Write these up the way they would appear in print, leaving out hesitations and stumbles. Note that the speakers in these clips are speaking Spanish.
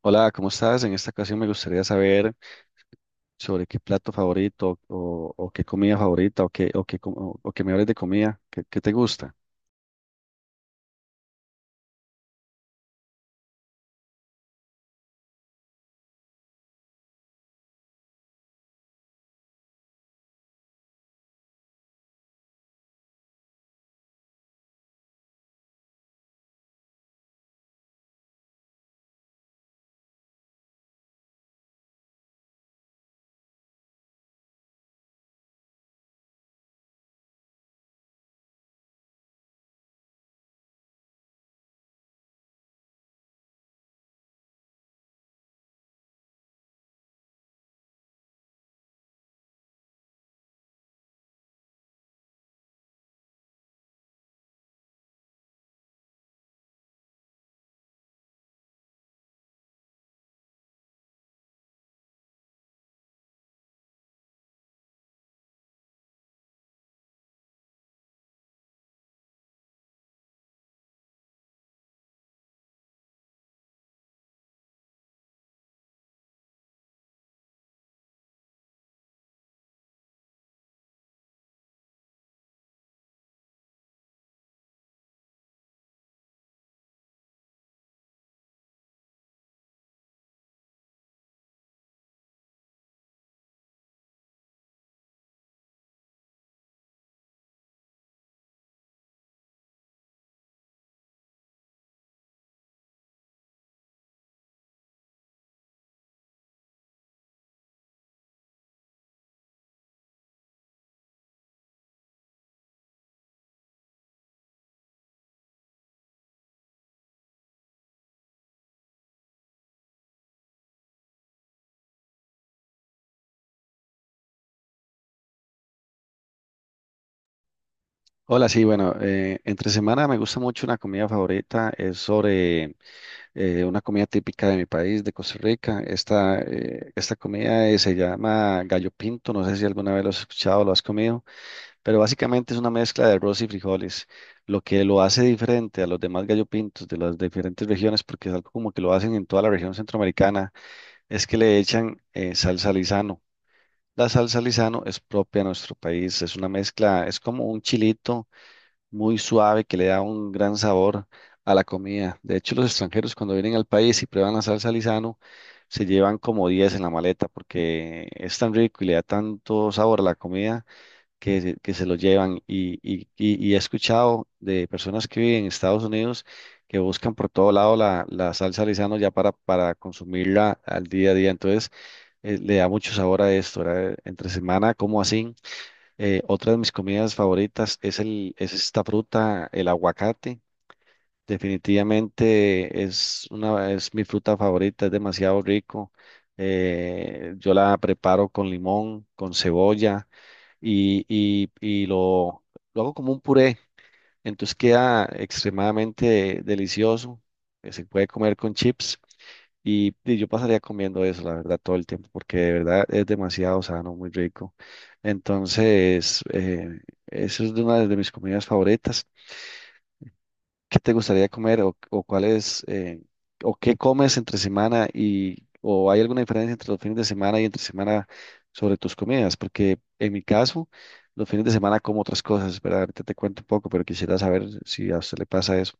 Hola, ¿cómo estás? En esta ocasión me gustaría saber sobre qué plato favorito o qué comida favorita o que me hables de comida, ¿qué, qué te gusta? Hola, sí, bueno, entre semana me gusta mucho una comida favorita, es sobre una comida típica de mi país, de Costa Rica. Esta comida se llama gallo pinto, no sé si alguna vez lo has escuchado, lo has comido. Pero básicamente es una mezcla de arroz y frijoles, lo que lo hace diferente a los demás gallo pintos de las diferentes regiones, porque es algo como que lo hacen en toda la región centroamericana, es que le echan salsa Lizano. La salsa Lizano es propia a nuestro país, es una mezcla, es como un chilito muy suave que le da un gran sabor a la comida. De hecho, los extranjeros cuando vienen al país y prueban la salsa Lizano, se llevan como 10 en la maleta porque es tan rico y le da tanto sabor a la comida que se lo llevan. Y he escuchado de personas que viven en Estados Unidos que buscan por todo lado la salsa Lizano ya para consumirla al día a día. Entonces, le da mucho sabor a esto, ¿verdad? Entre semana, como así. Otra de mis comidas favoritas es esta fruta, el aguacate. Definitivamente es mi fruta favorita, es demasiado rico. Yo la preparo con limón, con cebolla y lo hago como un puré. Entonces queda extremadamente delicioso. Se puede comer con chips y yo pasaría comiendo eso, la verdad, todo el tiempo, porque de verdad es demasiado sano, muy rico. Entonces, eso es de una de mis comidas favoritas. ¿Qué te gustaría comer o cuál es, o qué comes entre semana o hay alguna diferencia entre los fines de semana y entre semana sobre tus comidas? Porque en mi caso, los fines de semana como otras cosas, ¿verdad? Ahorita te cuento un poco, pero quisiera saber si a usted le pasa eso.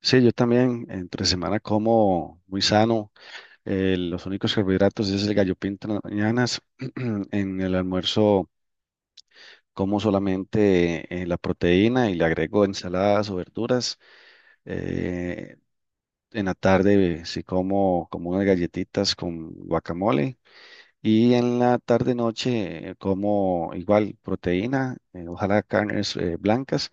Sí, yo también entre semana como muy sano. Los únicos carbohidratos es el gallo pinto en las mañanas. En el almuerzo como solamente la proteína y le agrego ensaladas o verduras. Eh, En la tarde sí como, como unas galletitas con guacamole y en la tarde noche como igual proteína, ojalá carnes blancas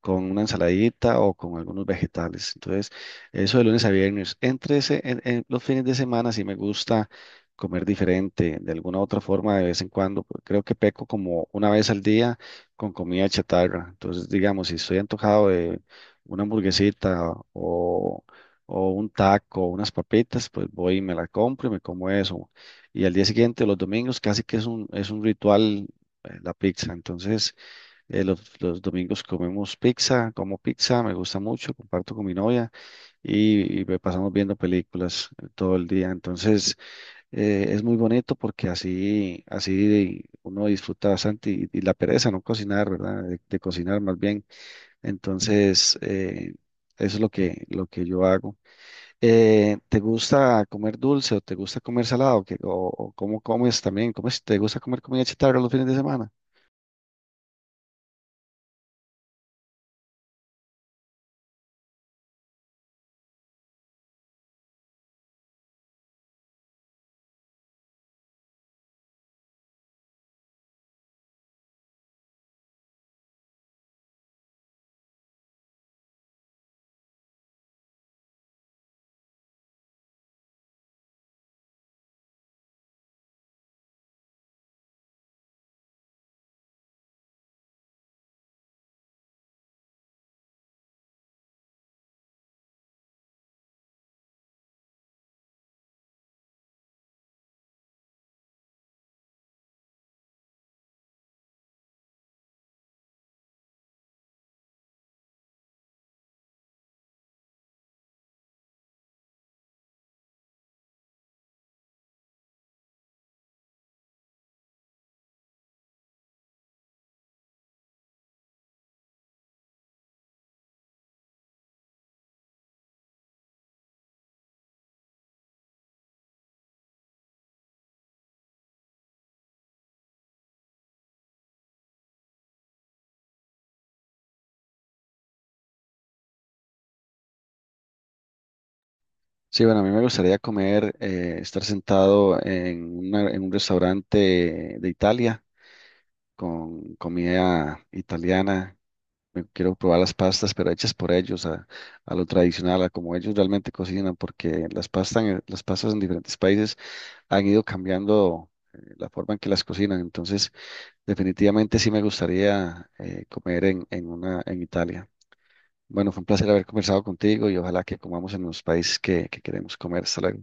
con una ensaladita o con algunos vegetales. Entonces, eso de lunes a viernes. En los fines de semana sí me gusta comer diferente, de alguna u otra forma, de vez en cuando. Creo que peco como una vez al día con comida chatarra. Entonces, digamos, si estoy antojado de una o un taco, unas papitas, pues voy y me la compro y me como eso. Y al día siguiente, los domingos, casi que es un ritual, la pizza. Entonces, los domingos comemos pizza, como pizza, me gusta mucho, comparto con mi novia y me pasamos viendo películas todo el día. Entonces, es muy bonito porque así uno disfruta bastante y la pereza, no cocinar, ¿verdad? De cocinar más bien. Entonces, eso es lo lo que yo hago. ¿Te gusta comer dulce o te gusta comer salado? ¿Qué- o cómo comes también? ¿Cómo es- te gusta comer comida chatarra los fines de semana? Sí, bueno, a mí me gustaría comer, estar sentado en un restaurante de Italia con comida italiana. Me quiero probar las pastas, pero hechas por ellos, a lo tradicional, a como ellos realmente cocinan, porque las pastas en diferentes países han ido cambiando la forma en que las cocinan. Entonces, definitivamente sí me gustaría comer en Italia. Bueno, fue un placer haber conversado contigo y ojalá que comamos en los países que queremos comer. Hasta luego.